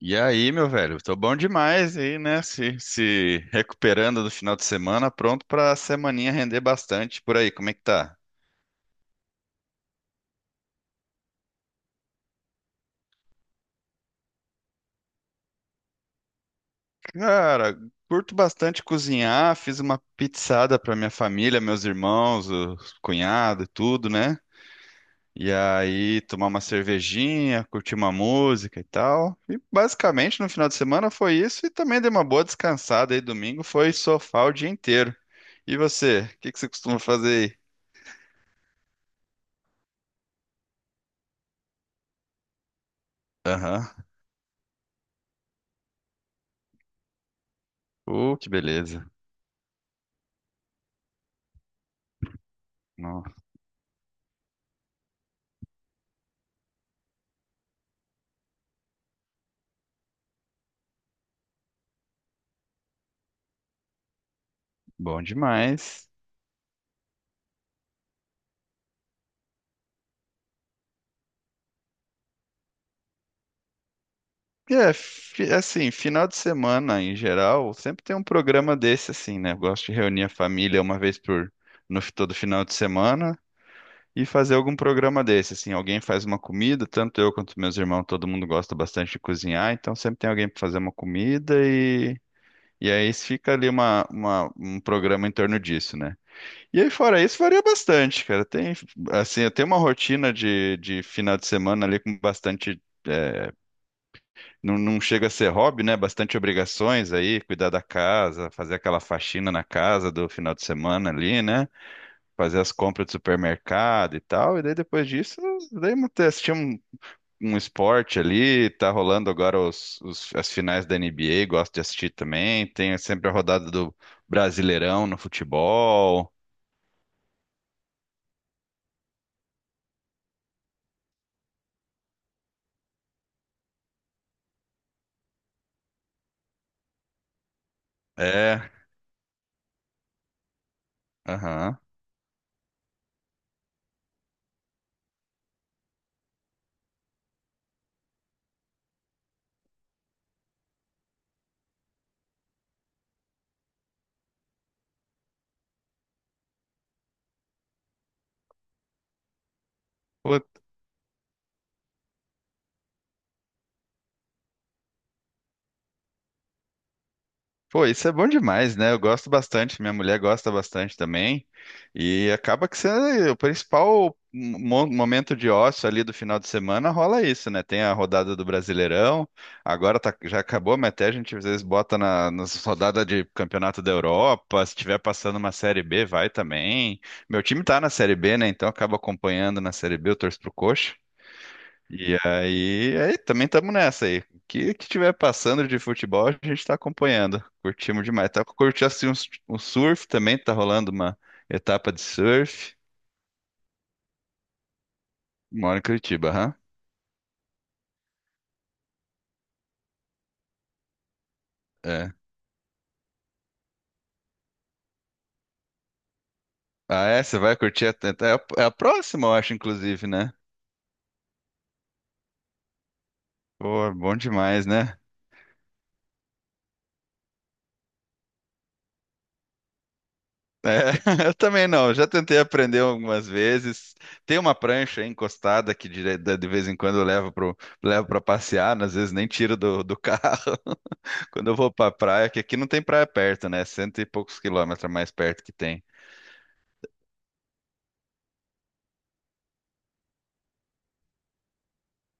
E aí, meu velho, tô bom demais aí, né? Se recuperando do final de semana, pronto pra semaninha render bastante. Por aí, como é que tá? Cara, curto bastante cozinhar, fiz uma pizzada pra minha família, meus irmãos, o cunhado e tudo, né? E aí, tomar uma cervejinha, curtir uma música e tal. E basicamente no final de semana foi isso e também dei uma boa descansada aí. Domingo foi sofá o dia inteiro. E você, o que que você costuma fazer aí? Aham. Que beleza. No- Bom demais. É, assim, final de semana em geral, sempre tem um programa desse assim, né? Eu gosto de reunir a família uma vez por no fi- todo final de semana e fazer algum programa desse, assim, alguém faz uma comida, tanto eu quanto meus irmãos, todo mundo gosta bastante de cozinhar, então sempre tem alguém para fazer uma comida e aí fica ali um programa em torno disso, né? E aí, fora isso, varia bastante, cara. Tem, assim, eu tenho uma rotina de final de semana ali com bastante. É, não chega a ser hobby, né? Bastante obrigações aí, cuidar da casa, fazer aquela faxina na casa do final de semana ali, né? Fazer as compras do supermercado e tal. E daí depois disso, assistir um esporte ali. Tá rolando agora as finais da NBA, gosto de assistir também. Tem sempre a rodada do Brasileirão no futebol. É, aham. Pô, isso é bom demais, né? Eu gosto bastante, minha mulher gosta bastante também. E acaba que você, o principal momento de ócio ali do final de semana rola isso, né? Tem a rodada do Brasileirão, já acabou, mas até a gente às vezes bota nas rodadas de Campeonato da Europa. Se tiver passando uma Série B, vai também. Meu time tá na Série B, né? Então acaba acompanhando na Série B, eu torço pro Coxa. E aí, aí também estamos nessa aí. O que que tiver passando de futebol, a gente está acompanhando. Curtimos demais. Tá curtindo assim um surf também, tá rolando uma etapa de surf. Moro em Curitiba, aham. É. Ah, é? Você vai curtir a... É a próxima, eu acho, inclusive, né? Pô, bom demais, né? É, eu também não. Já tentei aprender algumas vezes. Tem uma prancha aí encostada que de vez em quando eu levo levo para passear, às vezes nem tiro do carro. Quando eu vou pra praia, que aqui não tem praia perto, né? Cento e poucos km mais perto que tem.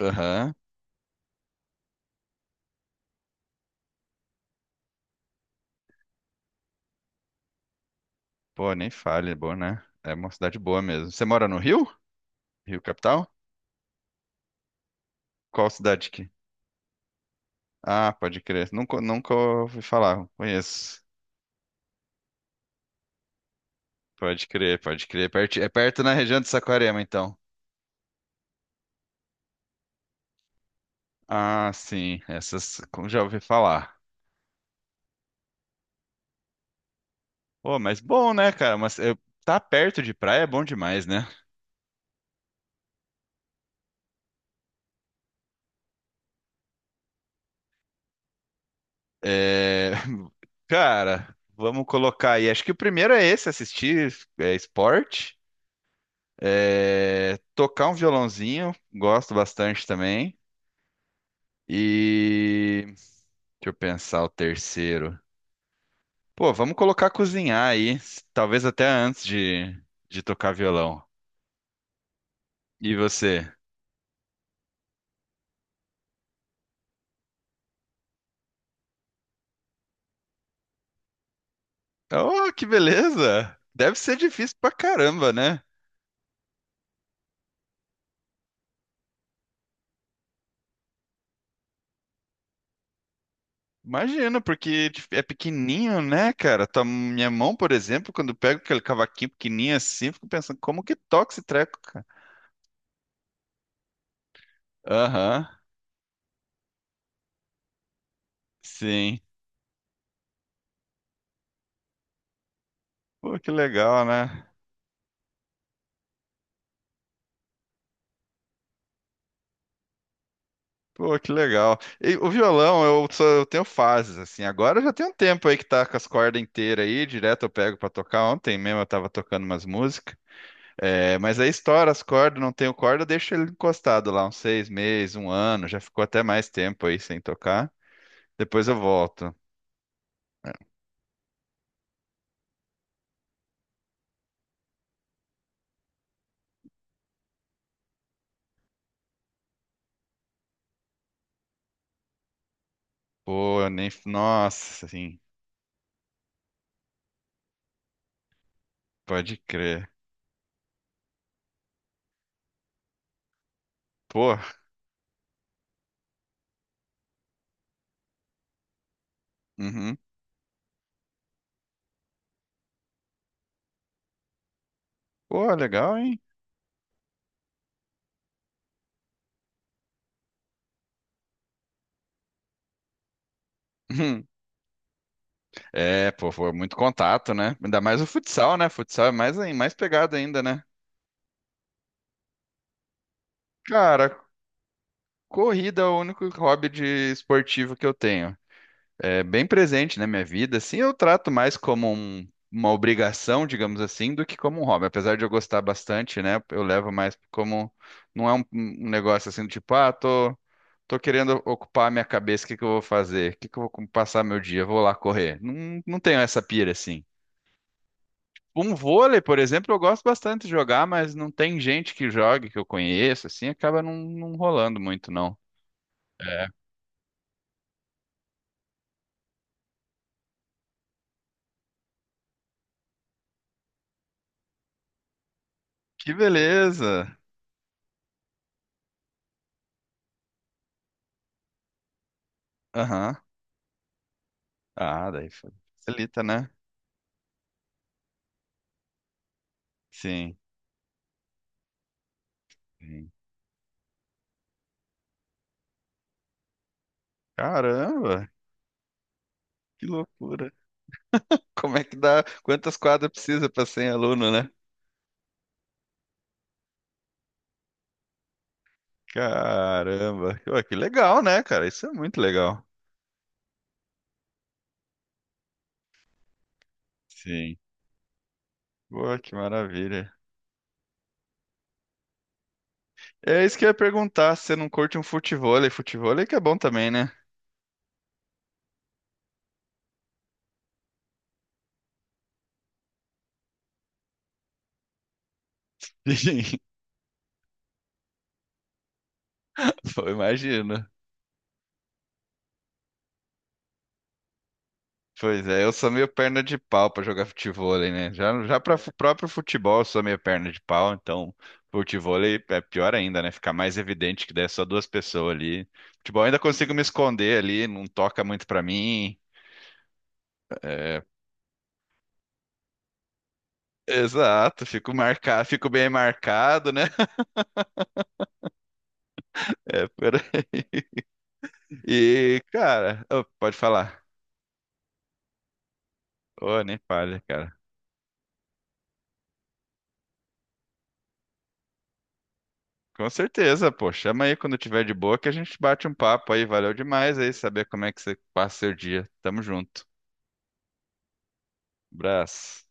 Aham. Pô, nem fale, é bom, né? É uma cidade boa mesmo. Você mora no Rio? Rio capital? Qual cidade que? Ah, pode crer. Nunca ouvi falar. Conheço. Pode crer, pode crer. É perto na região de Saquarema, então. Ah, sim. Essas como já ouvi falar. Pô, mas bom, né, cara? Mas eu... tá perto de praia é bom demais, né? É, cara, vamos colocar aí. Acho que o primeiro é esse, assistir é, esporte, é, tocar um violãozinho, gosto bastante também. E deixa eu pensar o terceiro. Pô, vamos colocar cozinhar aí, talvez até antes de tocar violão. E você? Oh, que beleza! Deve ser difícil pra caramba, né? Imagina, porque tipo, é pequenininho, né, cara? Minha mão, por exemplo, quando eu pego aquele cavaquinho pequenininho assim, eu fico pensando, como que toca esse treco, cara? Aham, sim. Pô, que legal, né? Pô, que legal. E o violão, eu, só, eu tenho fases, assim. Agora eu já tem um tempo aí que tá com as cordas inteiras aí, direto eu pego pra tocar. Ontem mesmo eu tava tocando umas músicas. É, mas aí estoura as cordas, não tenho corda, eu deixo ele encostado lá uns seis meses, um ano, já ficou até mais tempo aí sem tocar. Depois eu volto. Pô, nem. Nossa, assim, pode crer. Pô, uhum. Pô, legal, hein? Uhum. É, pô, foi muito contato, né? Ainda mais o futsal, né? Futsal é mais, mais pegado ainda, né? Cara, corrida é o único hobby de esportivo que eu tenho. É bem presente na minha vida, assim, eu trato mais como uma obrigação, digamos assim, do que como um hobby. Apesar de eu gostar bastante, né? Eu levo mais como. Não é um negócio assim, tipo, ah, tô. Tô querendo ocupar a minha cabeça, o que que eu vou fazer? O que que eu vou passar meu dia? Vou lá correr. Não tenho essa pira assim. Um vôlei, por exemplo, eu gosto bastante de jogar, mas não tem gente que jogue, que eu conheço, assim, acaba não rolando muito, não. Que beleza! Aham. Ah, facilita, né? Sim. Sim. Caramba, que loucura. Como é que dá? Quantas quadras precisa para 100 aluno, né? Caramba, ué, que legal, né, cara? Isso é muito legal. Sim. Pô, que maravilha. É isso que eu ia perguntar, se você não curte um futevôlei, futevôlei que é bom também, né? Pô, imagina. Pois é, eu sou meio perna de pau pra jogar futevôlei, né? Já para próprio futebol eu sou meio perna de pau, então futevôlei é pior ainda, né? Fica mais evidente que daí é só duas pessoas ali. Futebol eu ainda consigo me esconder ali, não toca muito pra mim. É, exato, fico marcado, fico bem marcado, né? É, por aí. E, cara, ô, pode falar. Ô, nem falha, cara. Com certeza, pô. Chama aí quando tiver de boa que a gente bate um papo aí. Valeu demais aí saber como é que você passa seu dia. Tamo junto. Abraço.